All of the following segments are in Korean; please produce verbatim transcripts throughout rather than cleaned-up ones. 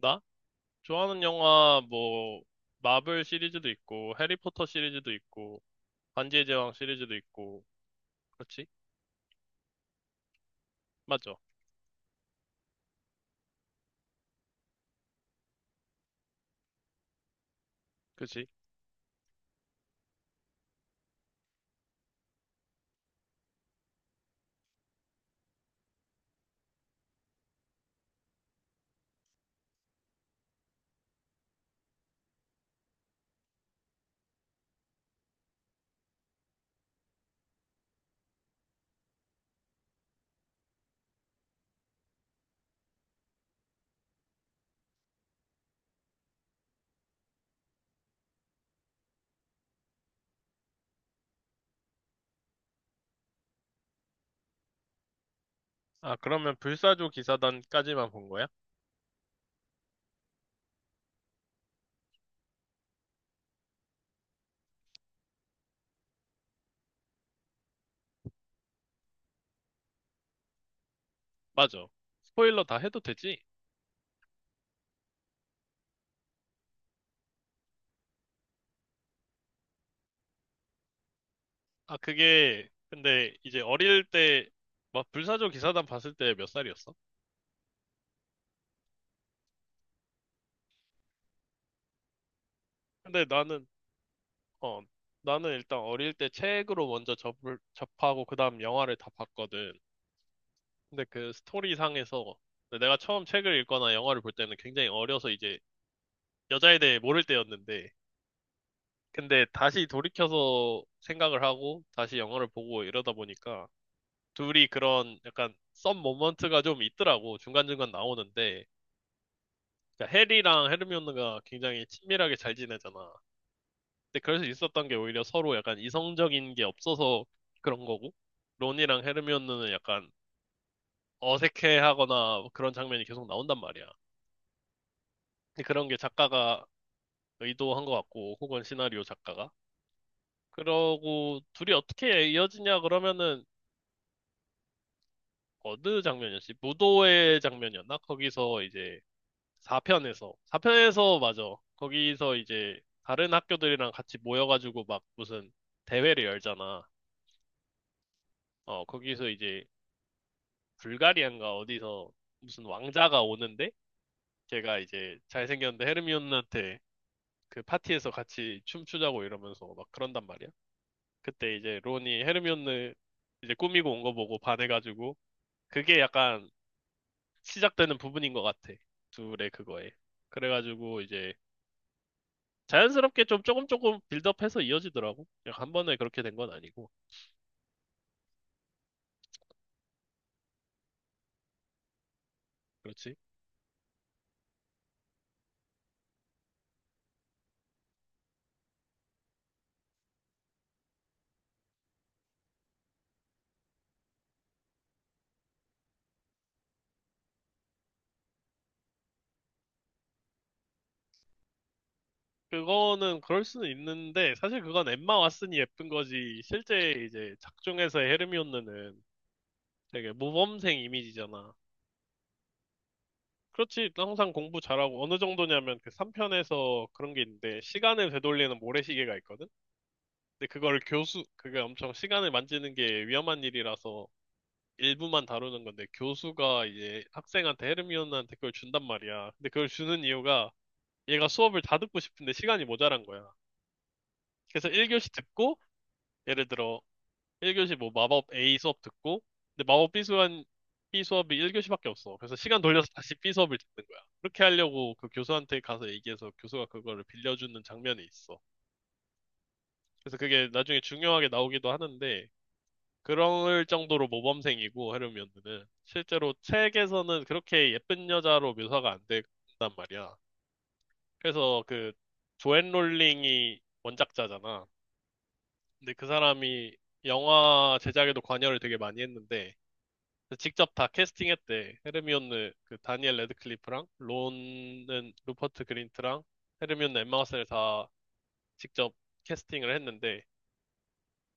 나? 좋아하는 영화 뭐 마블 시리즈도 있고 해리포터 시리즈도 있고 반지의 제왕 시리즈도 있고 그렇지? 맞아. 그치? 아 그러면 불사조 기사단까지만 본 거야? 맞아. 스포일러 다 해도 되지? 아 그게 근데 이제 어릴 때 막 불사조 기사단 봤을 때 몇 살이었어? 근데 나는 어 나는 일단 어릴 때 책으로 먼저 접을 접하고 그다음 영화를 다 봤거든. 근데 그 스토리상에서 내가 처음 책을 읽거나 영화를 볼 때는 굉장히 어려서 이제 여자에 대해 모를 때였는데 근데 다시 돌이켜서 생각을 하고 다시 영화를 보고 이러다 보니까 둘이 그런 약간 썸 모먼트가 좀 있더라고 중간중간 나오는데 그러니까 해리랑 헤르미온느가 굉장히 친밀하게 잘 지내잖아. 근데 그럴 수 있었던 게 오히려 서로 약간 이성적인 게 없어서 그런 거고 론이랑 헤르미온느는 약해하거나 그런 장면이 계속 나온단 말이야. 근데 그런 게 작가가 의도한 것 같고, 혹은 시나리오 작가가. 그러고 둘이 어떻게 이어지냐 그러면은 어느 장면이었지? 무도회 장면이었나? 거기서 이제 사 편에서 사 편에서 맞아. 거기서 이제 다른 학교들이랑 같이 모여가지고 막 무슨 대회를 열잖아. 어, 거기서 이제 불가리안가 어디서 무슨 왕자가 오는데 걔가 이제 잘생겼는데 헤르미온한테 그 파티에서 같이 춤추자고 이러면서 막 그런단 말이야. 그때 이제 론이 헤르미온느 이제 꾸미고 온 거 보고 반해가지고 그게 약간 시작되는 부분인 것 같아. 둘의 그거에. 그래가지고 이제 자연스럽게 좀 조금 조금 빌드업해서 이어지더라고. 그냥 한 번에 그렇게 된 건 아니고. 그렇지. 그거는 그럴 수는 있는데 사실 그건 엠마 왓슨이 예쁜 거지. 실제 이제 작중에서의 헤르미온느는 되게 모범생 이미지잖아. 그렇지. 항상 공부 잘하고 어느 정도냐면 그 삼 편에서 그런 게 있는데 시간을 되돌리는 모래시계가 있거든. 근데 그걸 교수, 그게 엄청 시간을 만지는 게 위험한 일이라서 일부만 다루는 건데 교수가 이제 학생한테 헤르미온한테 그걸 준단 말이야. 근데 그걸 주는 이유가 얘가 수업을 다 듣고 싶은데 시간이 모자란 거야. 그래서 일 교시 듣고 예를 들어 일 교시 뭐 마법 A 수업 듣고 근데 마법 B 수업, B 수업이 일 교시밖에 없어. 그래서 시간 돌려서 다시 B 수업을 듣는 거야. 그렇게 하려고 그 교수한테 가서 얘기해서 교수가 그거를 빌려주는 장면이 있어. 그래서 그게 나중에 중요하게 나오기도 하는데 그럴 정도로 모범생이고 헤르미온느는 실제로 책에서는 그렇게 예쁜 여자로 묘사가 안 된단 말이야. 그래서 그 조앤 롤링이 원작자잖아. 근데 그 사람이 영화 제작에도 관여를 되게 많이 했는데 직접 다 캐스팅했대. 헤르미온느 그 다니엘 레드클리프랑 론은 루퍼트 그린트랑 헤르미온느 엠마 왓슨을 다 직접 캐스팅을 했는데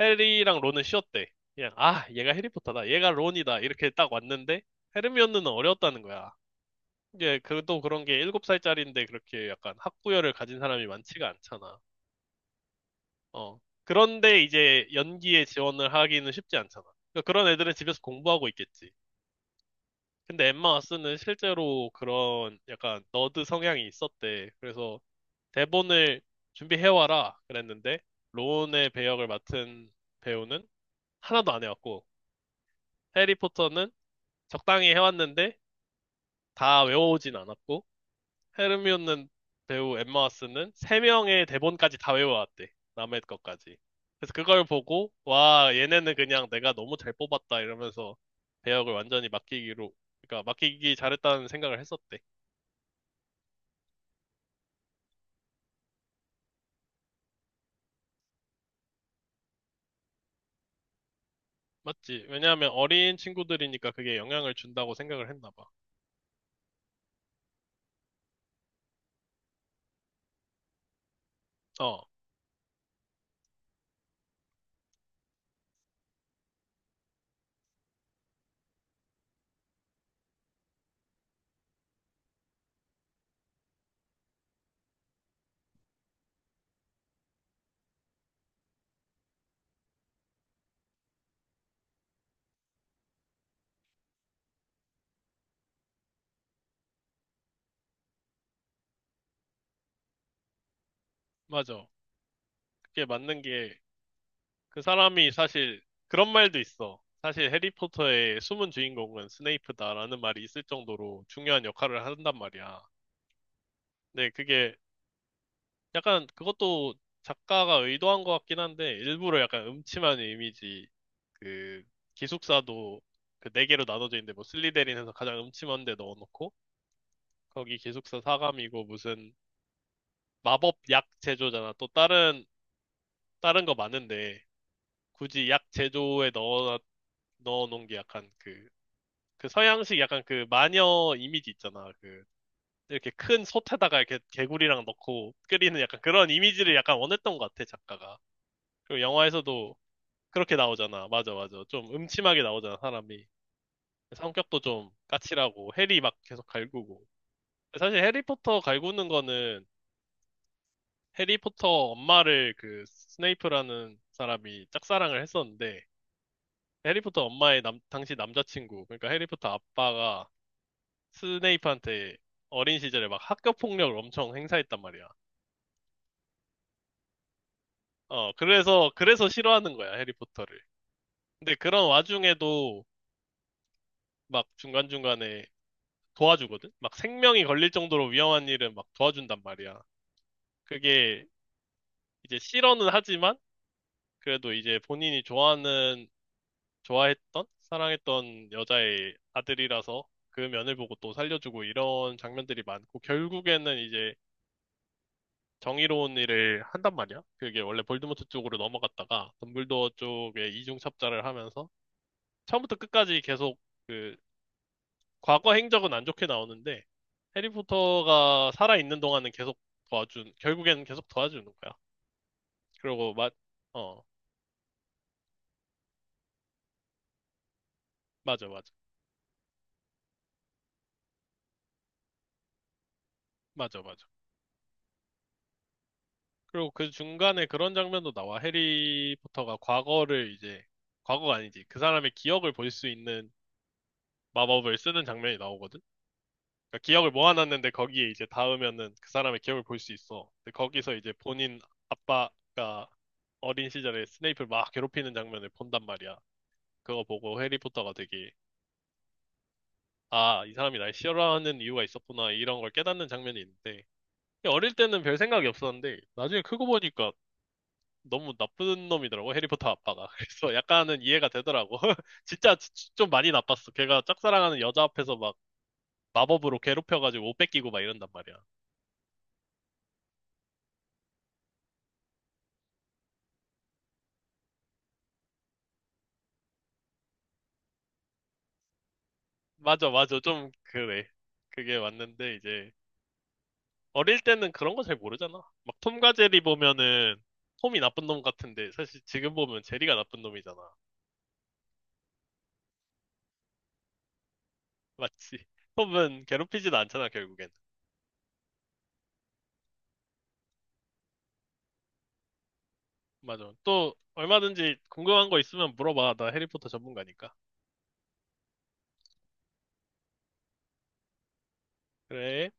해리랑 론은 쉬었대. 그냥, 아, 얘가 해리포터다. 얘가 론이다. 이렇게 딱 왔는데, 헤르미온느는 어려웠다는 거야. 이게, 그또 그런 게 일곱 살짜리인데 그렇게 약간 학구열을 가진 사람이 많지가 않잖아. 어. 그런데 이제 연기에 지원을 하기는 쉽지 않잖아. 그러니까 그런 애들은 집에서 공부하고 있겠지. 근데 엠마 왓슨은 실제로 그런 약간 너드 성향이 있었대. 그래서 대본을 준비해와라 그랬는데, 론의 배역을 맡은 배우는 하나도 안 해왔고, 해리포터는 적당히 해왔는데 다 외워오진 않았고 헤르미온는 배우 엠마 왓슨은 세명의 대본까지 다 외워왔대. 남의 것까지. 그래서 그걸 보고 와 얘네는 그냥 내가 너무 잘 뽑았다 이러면서 배역을 완전히 맡기기로 그러니까 맡기기 잘했다는 생각을 했었대. 맞지? 왜냐하면 어린 친구들이니까 그게 영향을 준다고 생각을 했나 봐. 어, 맞아. 그게 맞는 게 그 사람이 사실 그런 말도 있어. 사실 해리포터의 숨은 주인공은 스네이프다라는 말이 있을 정도로 중요한 역할을 한단 말이야. 근데 그게 약간 그것도 작가가 의도한 것 같긴 한데 일부러 약간 음침한 이미지 그 기숙사도 그 네 개로 나눠져 있는데 뭐 슬리데린에서 가장 음침한 데 넣어놓고 거기 기숙사 사감이고 무슨 마법 약 제조잖아. 또 다른 다른 거 많은데 굳이 약 제조에 넣어 넣어놓은 게 약간 그 그 서양식 약간 그 마녀 이미지 있잖아. 그 이렇게 큰 솥에다가 이렇게 개구리랑 넣고 끓이는 약간 그런 이미지를 약간 원했던 것 같아, 작가가. 그리고 영화에서도 그렇게 나오잖아. 맞아, 맞아. 좀 음침하게 나오잖아, 사람이. 성격도 좀 까칠하고 해리 막 계속 갈구고. 사실 해리포터 갈구는 거는 해리포터 엄마를 그 스네이프라는 사람이 짝사랑을 했었는데 해리포터 엄마의 남- 당시 남자친구, 그러니까 해리포터 아빠가 스네이프한테 어린 시절에 막 학교 폭력을 엄청 행사했단 말이야. 어, 그래서, 그래서 싫어하는 거야, 해리포터를. 근데 그런 와중에도 막 중간중간에 도와주거든? 막 생명이 걸릴 정도로 위험한 일은 막 도와준단 말이야. 그게 이제 싫어는 하지만 그래도 이제 본인이 좋아하는, 좋아했던, 사랑했던 여자의 아들이라서 그 면을 보고 또 살려주고 이런 장면들이 많고 결국에는 이제 정의로운 일을 한단 말이야. 그게 원래 볼드모트 쪽으로 넘어갔다가 덤블도어 쪽에 이중 첩자를 하면서 처음부터 끝까지 계속 그 과거 행적은 안 좋게 나오는데 해리포터가 살아있는 동안은 계속 도와준, 결국에는 계속 도와주는 거야. 그리고 마, 어, 맞아, 맞아. 맞아, 맞아. 그리고 그 중간에 그런 장면도 나와. 해리포터가 과거를 이제, 과거가 아니지. 그 사람의 기억을 볼 수 있는 마법을 쓰는 장면이 나오거든. 그러니까 기억을 모아놨는데 거기에 이제 닿으면은 그 사람의 기억을 볼 수 있어. 근데 거기서 이제 본인 아빠가 어린 시절에 스네이프를 막 괴롭히는 장면을 본단 말이야. 그거 보고 해리포터가 되게 아, 이 사람이 날 싫어하는 이유가 있었구나 이런 걸 깨닫는 장면이 있는데 어릴 때는 별 생각이 없었는데 나중에 크고 보니까 너무 나쁜 놈이더라고 해리포터 아빠가. 그래서 약간은 이해가 되더라고. 진짜 지- 좀 많이 나빴어. 걔가 짝사랑하는 여자 앞에서 막 마법으로 괴롭혀가지고 옷 뺏기고 막 이런단 말이야. 맞아, 맞아. 좀 그래. 그게 맞는데 이제 어릴 때는 그런 거 잘 모르잖아. 막 톰과 제리 보면은 톰이 나쁜 놈 같은데 사실 지금 보면 제리가 나쁜 놈이잖아. 맞지? 톰은 괴롭히지도 않잖아, 결국엔. 맞아. 또 얼마든지 궁금한 거 있으면 물어봐. 나 해리포터 전문가니까. 그래.